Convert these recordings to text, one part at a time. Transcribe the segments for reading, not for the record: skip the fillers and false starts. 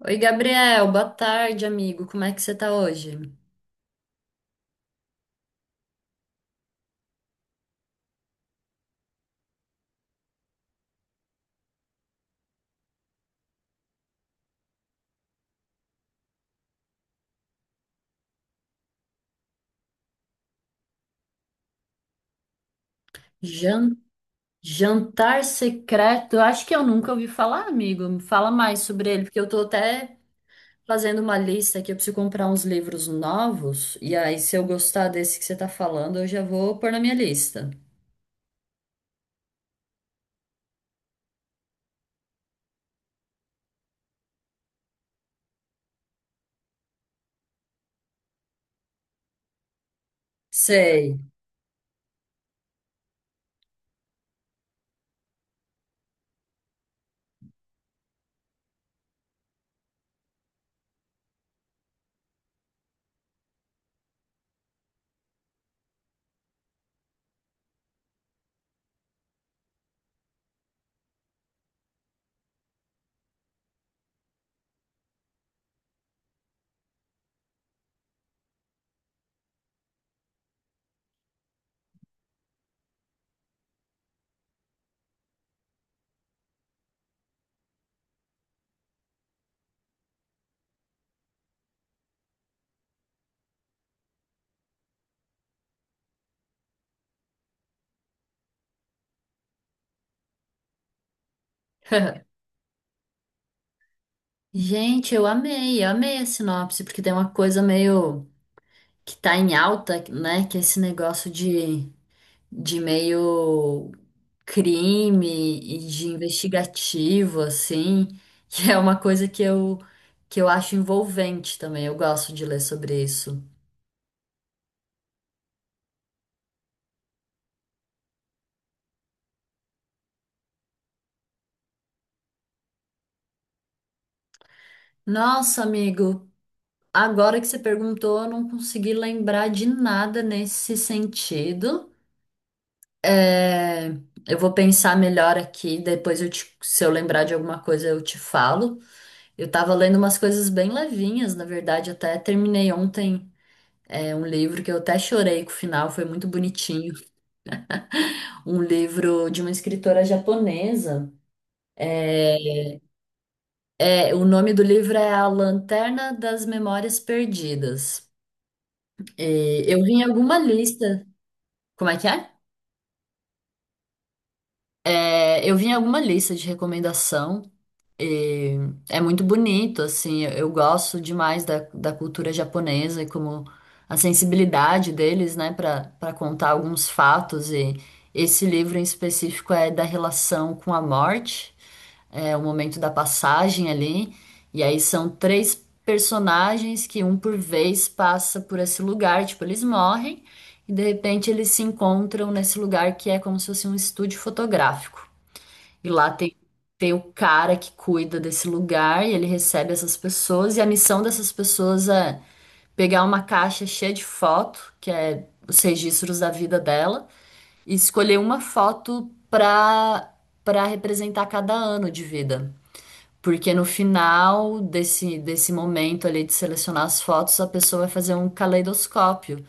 Oi, Gabriel, boa tarde, amigo. Como é que você tá hoje? Jan- Jantar secreto? Eu acho que eu nunca ouvi falar, amigo. Me fala mais sobre ele, porque eu tô até fazendo uma lista aqui. Eu preciso comprar uns livros novos. E aí, se eu gostar desse que você tá falando, eu já vou pôr na minha lista. Sei. Gente, eu amei a sinopse, porque tem uma coisa meio que tá em alta, né? Que é esse negócio de meio crime e de investigativo, assim, que é uma coisa que eu acho envolvente também. Eu gosto de ler sobre isso. Nossa, amigo, agora que você perguntou, eu não consegui lembrar de nada nesse sentido. É, eu vou pensar melhor aqui, depois se eu lembrar de alguma coisa eu te falo. Eu tava lendo umas coisas bem levinhas, na verdade, até terminei ontem, um livro que eu até chorei com o final, foi muito bonitinho. Um livro de uma escritora japonesa. É, o nome do livro é A Lanterna das Memórias Perdidas. E eu vi em alguma lista. Como é que é? Eu vi em alguma lista de recomendação. E é muito bonito, assim. Eu gosto demais da cultura japonesa e como a sensibilidade deles, né, para contar alguns fatos. E esse livro em específico é da relação com a morte. É o momento da passagem ali. E aí são três personagens que um por vez passa por esse lugar, tipo, eles morrem e de repente eles se encontram nesse lugar que é como se fosse um estúdio fotográfico. E lá tem o cara que cuida desse lugar e ele recebe essas pessoas e a missão dessas pessoas é pegar uma caixa cheia de foto, que é os registros da vida dela, e escolher uma foto para representar cada ano de vida. Porque no final desse momento ali de selecionar as fotos, a pessoa vai fazer um caleidoscópio,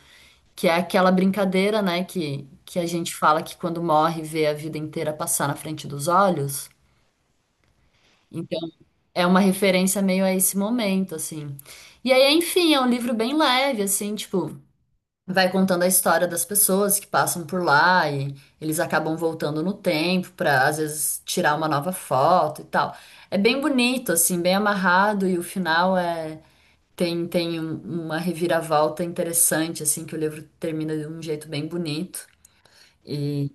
que é aquela brincadeira, né, que a gente fala que quando morre vê a vida inteira passar na frente dos olhos. Então, é uma referência meio a esse momento, assim. E aí, enfim, é um livro bem leve, assim, tipo, vai contando a história das pessoas que passam por lá e eles acabam voltando no tempo para às vezes tirar uma nova foto e tal. É bem bonito assim, bem amarrado e o final é tem tem um- uma reviravolta interessante assim que o livro termina de um jeito bem bonito. E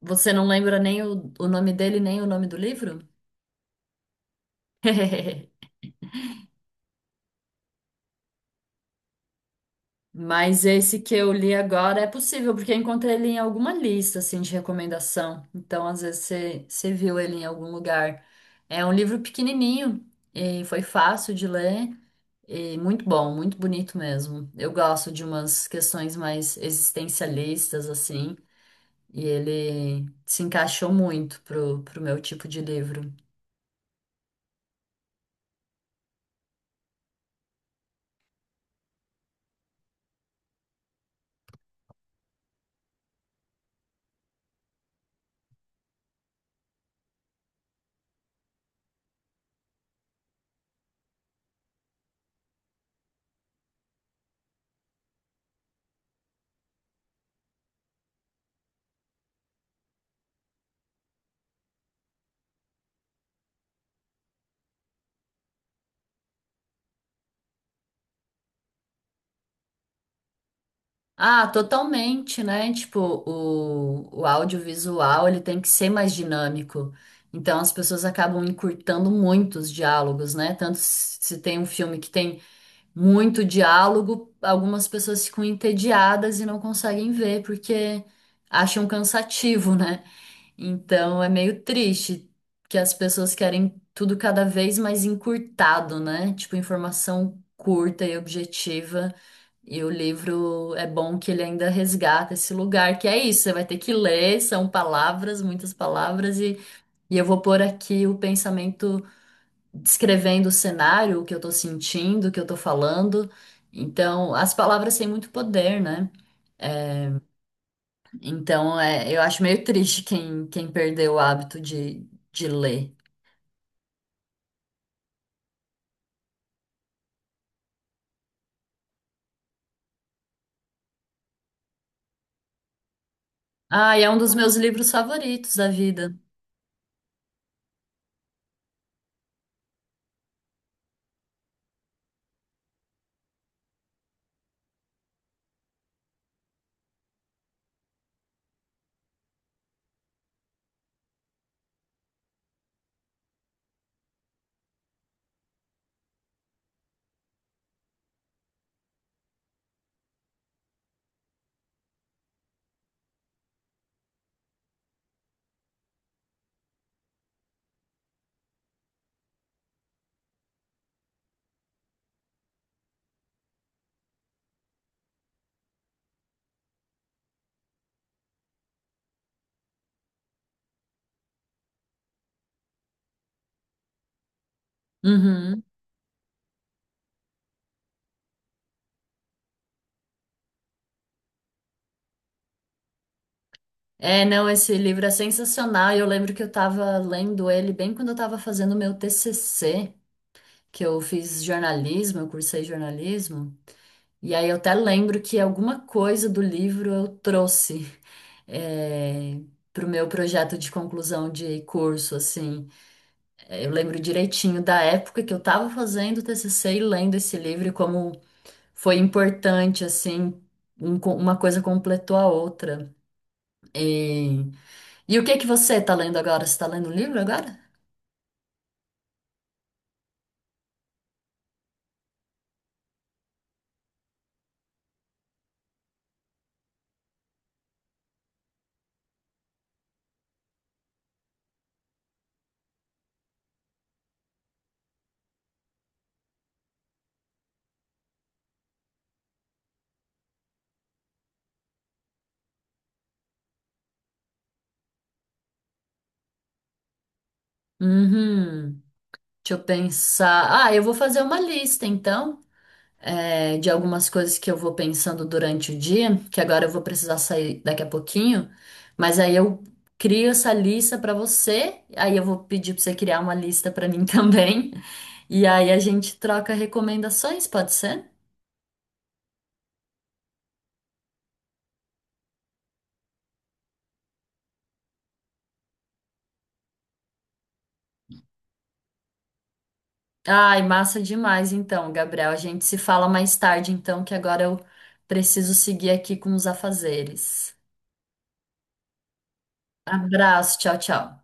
você não lembra nem o nome dele nem o nome do livro? Mas esse que eu li agora é possível, porque eu encontrei ele em alguma lista, assim, de recomendação. Então, às vezes, você viu ele em algum lugar. É um livro pequenininho e foi fácil de ler e muito bom, muito bonito mesmo. Eu gosto de umas questões mais existencialistas, assim, e ele se encaixou muito pro meu tipo de livro. Ah, totalmente, né? Tipo, o audiovisual ele tem que ser mais dinâmico. Então as pessoas acabam encurtando muito os diálogos, né? Tanto se tem um filme que tem muito diálogo, algumas pessoas ficam entediadas e não conseguem ver porque acham cansativo, né? Então é meio triste que as pessoas querem tudo cada vez mais encurtado, né? Tipo, informação curta e objetiva. E o livro é bom que ele ainda resgata esse lugar, que é isso, você vai ter que ler, são palavras, muitas palavras, e eu vou pôr aqui o pensamento descrevendo o cenário, o que eu tô sentindo, o que eu tô falando. Então, as palavras têm muito poder, né? Então, eu acho meio triste quem perdeu o hábito de ler. Ah, e é um dos meus livros favoritos da vida. Uhum. É, não, esse livro é sensacional. Eu lembro que eu estava lendo ele bem quando eu estava fazendo o meu TCC, que eu fiz jornalismo, eu cursei jornalismo. E aí eu até lembro que alguma coisa do livro eu trouxe é, pro meu projeto de conclusão de curso, assim. É, eu lembro direitinho da época que eu estava fazendo o TCC e lendo esse livro e como foi importante, assim, uma coisa completou a outra. E, e o que que você está lendo agora? Você está lendo um livro agora? Uhum. Deixa eu pensar. Ah, eu vou fazer uma lista, então, de algumas coisas que eu vou pensando durante o dia, que agora eu vou precisar sair daqui a pouquinho, mas aí eu crio essa lista para você, aí eu vou pedir para você criar uma lista para mim também, e aí a gente troca recomendações, pode ser? Ai, massa demais então, Gabriel. A gente se fala mais tarde então, que agora eu preciso seguir aqui com os afazeres. Abraço, tchau, tchau.